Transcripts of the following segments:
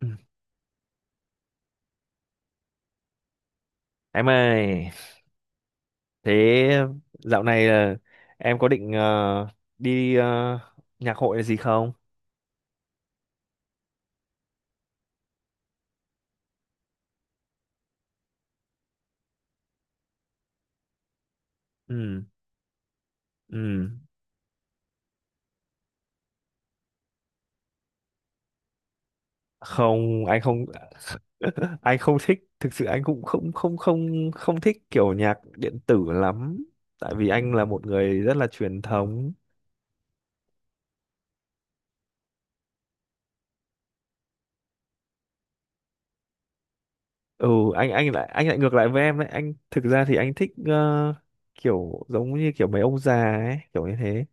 Ừ. Em ơi, thế dạo này là em có định đi nhạc hội là gì không? Ừ, ừ. Không, anh không anh không thích, thực sự anh cũng không không không không thích kiểu nhạc điện tử lắm, tại vì anh là một người rất là truyền thống. Ừ, anh lại anh lại ngược lại với em đấy, anh thực ra thì anh thích kiểu giống như kiểu mấy ông già ấy, kiểu như thế.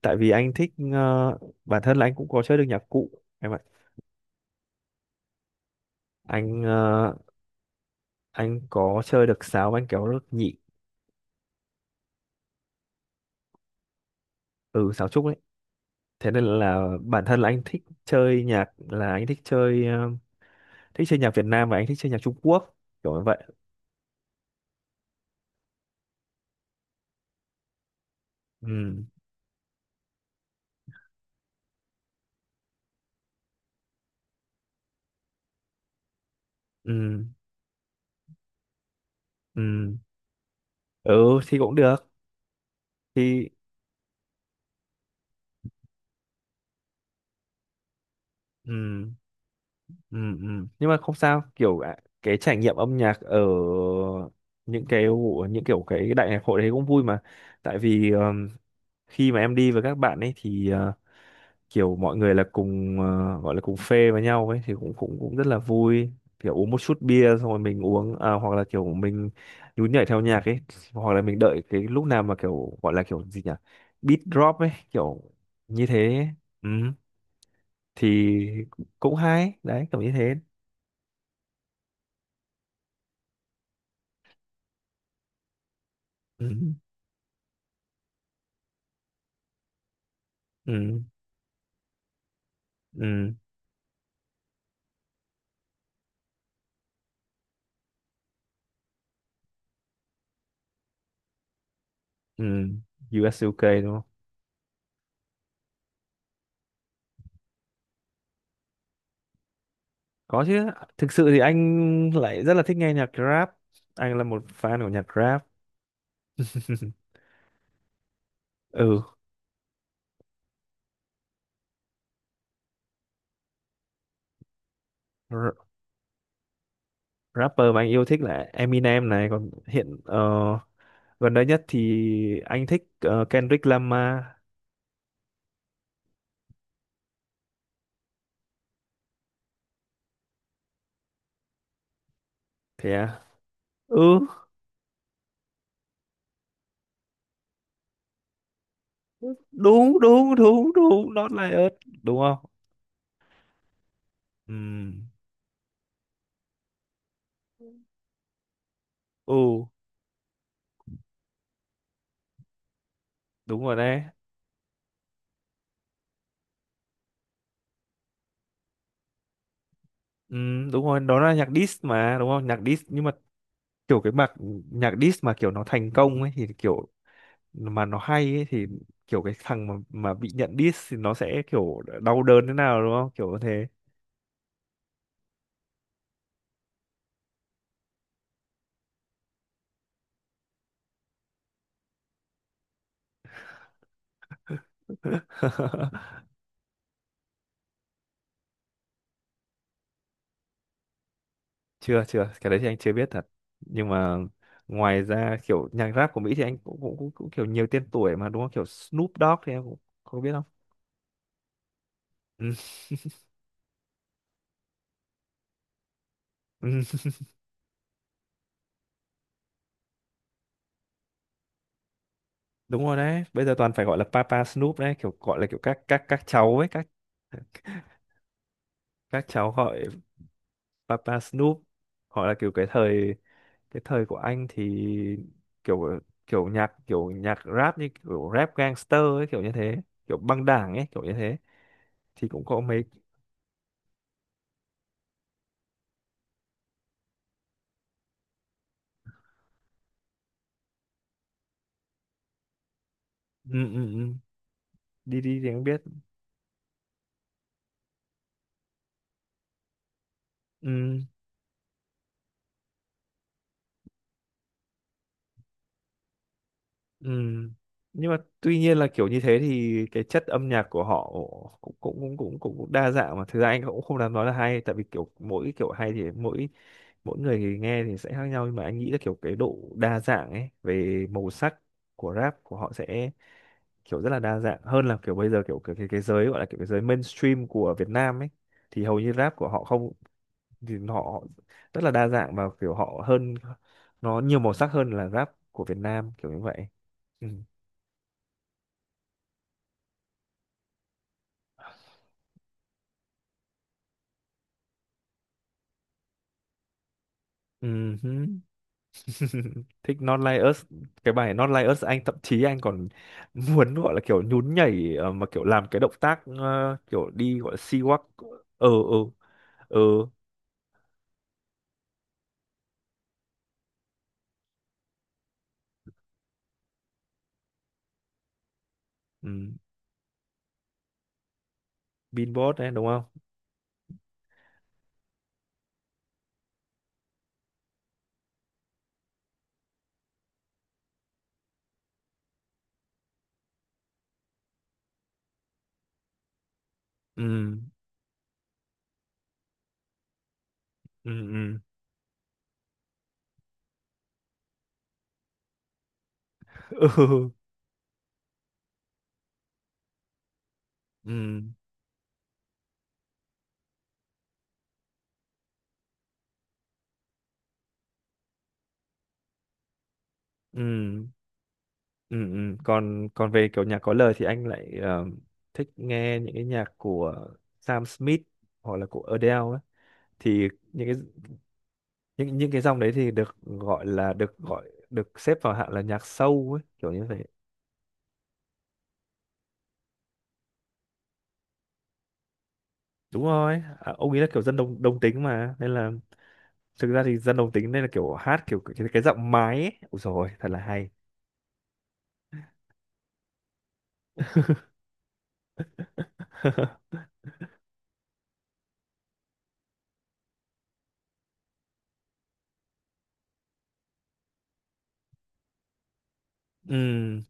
Tại vì anh thích bản thân là anh cũng có chơi được nhạc cụ em ạ. Anh anh có chơi được sáo và anh kéo được nhị. Ừ, sáo trúc ấy. Thế nên là bản thân là anh thích chơi nhạc là anh thích chơi thích chơi nhạc Việt Nam và anh thích chơi nhạc Trung Quốc kiểu như vậy. Ừ, ừ. Ừ, ừ thì cũng được. Thì ừ, ừ, ừ nhưng mà không sao kiểu ạ, cái trải nghiệm âm nhạc ở những kiểu cái đại nhạc hội đấy cũng vui mà. Tại vì khi mà em đi với các bạn ấy thì kiểu mọi người là cùng gọi là cùng phê với nhau ấy thì cũng cũng cũng rất là vui, kiểu uống một chút bia xong rồi mình uống à, hoặc là kiểu mình nhún nhảy theo nhạc ấy, hoặc là mình đợi cái lúc nào mà kiểu gọi là kiểu gì nhỉ, beat drop ấy kiểu như thế ấy. Ừ. Thì cũng hay đấy kiểu như thế. Ừ. Ừ. Ừ. Ừ. US UK đúng không? Có chứ, thực sự thì anh lại rất là thích nghe nhạc rap. Anh là một fan của nhạc rap. Ừ, rapper mà anh yêu thích là Eminem này, còn hiện gần đây nhất thì anh thích Kendrick Lamar. Thế à. Ừ, đúng đúng đúng đúng not like us đúng không. Ừ, ừ, đúng rồi đấy. Ừ, đúng rồi, đó là nhạc diss mà, đúng không, nhạc diss, nhưng mà kiểu cái mặt nhạc diss mà kiểu nó thành công ấy thì kiểu mà nó hay ấy thì kiểu cái thằng mà bị nhận diss thì nó sẽ kiểu đau đớn thế nào đúng không kiểu như thế. chưa chưa, cái đấy thì anh chưa biết thật, nhưng mà ngoài ra kiểu nhạc rap của Mỹ thì anh cũng kiểu nhiều tên tuổi mà đúng không, kiểu Snoop Dogg thì em cũng không biết không? Ừ, ừ. Đúng rồi đấy, bây giờ toàn phải gọi là Papa Snoop đấy, kiểu gọi là kiểu các cháu ấy, các cháu gọi Papa Snoop, hoặc là kiểu cái thời của anh thì kiểu kiểu nhạc rap như kiểu rap gangster ấy kiểu như thế, kiểu băng đảng ấy kiểu như thế. Thì cũng có mấy, ừ, ừ, ừ. Đi đi thì anh biết. Ừ. Ừ. Nhưng mà tuy nhiên là kiểu như thế thì cái chất âm nhạc của họ cũng cũng cũng cũng cũng cũng đa dạng mà, thực ra anh cũng không dám nói là hay tại vì kiểu mỗi kiểu hay thì mỗi mỗi người thì nghe thì sẽ khác nhau, nhưng mà anh nghĩ là kiểu cái độ đa dạng ấy về màu sắc của rap của họ sẽ kiểu rất là đa dạng hơn là kiểu bây giờ kiểu cái giới gọi là kiểu cái giới mainstream của Việt Nam ấy, thì hầu như rap của họ không, thì họ rất là đa dạng và kiểu họ hơn, nó nhiều màu sắc hơn là rap của Việt Nam kiểu như vậy. Ừ. Ừm, thích Not Like Us, cái bài Not Like Us anh thậm chí anh còn muốn gọi là kiểu nhún nhảy mà kiểu làm cái động tác kiểu đi gọi là sea walk. Ờ, ờ, ờ. Ừm, Beatbox đấy đúng không. Ừm, ừm. Ừm. Ừ. ừm ừm ừm. Còn còn về kiểu nhạc có lời thì anh lại thích nghe những cái nhạc của Sam Smith hoặc là của Adele ấy. Thì những cái, những cái dòng đấy thì được gọi là được xếp vào hạng là nhạc sâu ấy kiểu như vậy. Đúng rồi, à, ông ấy là kiểu dân đồng đồng tính mà nên là thực ra thì dân đồng tính nên là kiểu hát kiểu cái giọng mái ấy. Ôi rồi thật là hay. ừ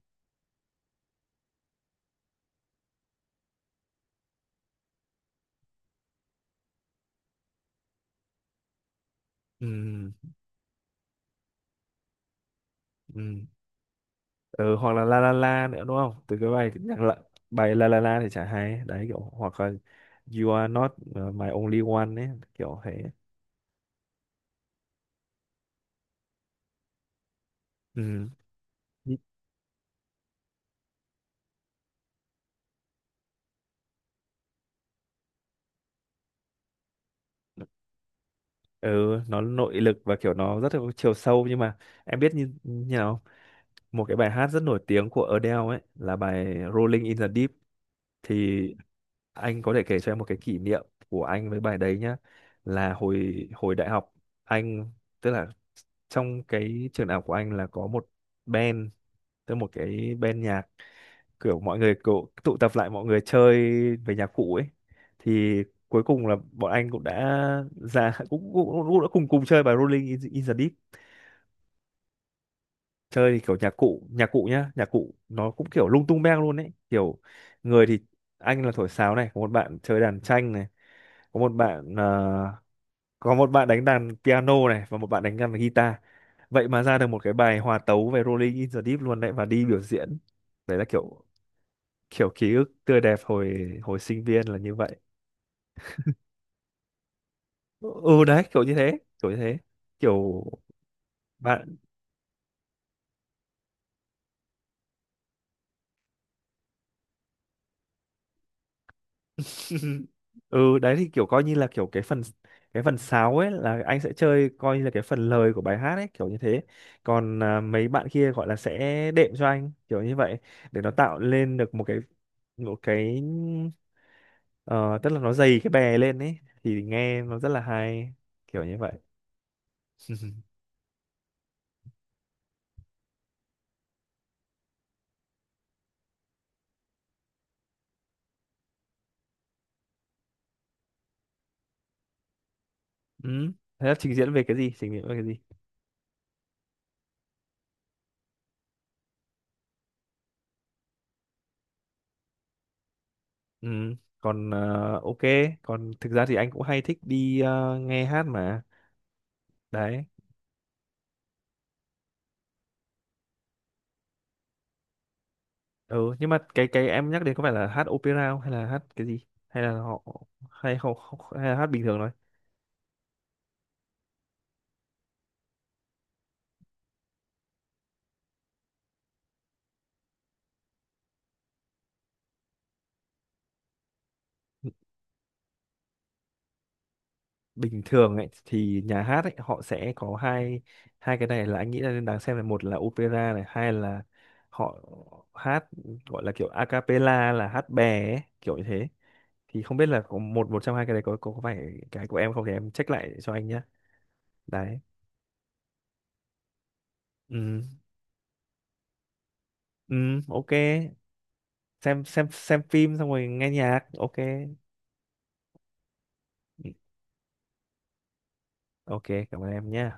ừ ừ ừ, hoặc là la la la nữa đúng không, từ cái bài nhạc lạ. Bài la la la thì chả hay đấy kiểu, hoặc là you are not my only one ấy kiểu thế. Ừ, ừ. Nó nội lực và kiểu nó rất là có chiều sâu, nhưng mà em biết như như nào, một cái bài hát rất nổi tiếng của Adele ấy là bài Rolling in the Deep, thì anh có thể kể cho em một cái kỷ niệm của anh với bài đấy nhá. Là hồi hồi đại học, anh, tức là trong cái trường đại học của anh là có một band, tức một cái band nhạc, kiểu mọi người kiểu tụ tập lại mọi người chơi về nhạc cụ ấy, thì cuối cùng là bọn anh cũng đã ra cũng cũng, cũng đã cùng cùng chơi bài Rolling in, in the Deep. Chơi thì kiểu nhạc cụ nó cũng kiểu lung tung beng luôn ấy kiểu, người thì anh là thổi sáo này, có một bạn chơi đàn tranh này, có một bạn có một bạn đánh đàn piano này, và một bạn đánh đàn guitar. Vậy mà ra được một cái bài hòa tấu về Rolling in the Deep luôn đấy, và đi biểu diễn. Đấy là kiểu kiểu ký ức tươi đẹp hồi hồi sinh viên là như vậy. Ừ, ừ, đấy kiểu như thế kiểu như thế, kiểu bạn. Ừ, đấy thì kiểu coi như là kiểu cái phần sáo ấy là anh sẽ chơi coi như là cái phần lời của bài hát ấy kiểu như thế. Còn à, mấy bạn kia gọi là sẽ đệm cho anh kiểu như vậy, để nó tạo lên được một cái, một cái ờ, tức là nó dày cái bè lên ấy thì nghe nó rất là hay kiểu như vậy. Ừ. Thế là trình diễn về cái gì, trình diễn về cái gì? Ừ. Còn ờ, ok, còn thực ra thì anh cũng hay thích đi nghe hát mà. Đấy. Ừ, nhưng mà cái em nhắc đến có phải là hát opera không, hay là hát cái gì, hay là họ không, hay là hát bình thường thôi? Bình thường ấy thì nhà hát ấy họ sẽ có hai, cái này là anh nghĩ là nên đáng xem, là một là opera này, hai là họ hát gọi là kiểu a cappella là hát bè ấy, kiểu như thế. Thì không biết là có một một trong hai cái đấy có phải cái của em không, thì em check lại cho anh nhé. Đấy. Ừ. Ừ. Ok, xem phim xong rồi nghe nhạc, ok. Ừ, ok, cảm ơn em nhé.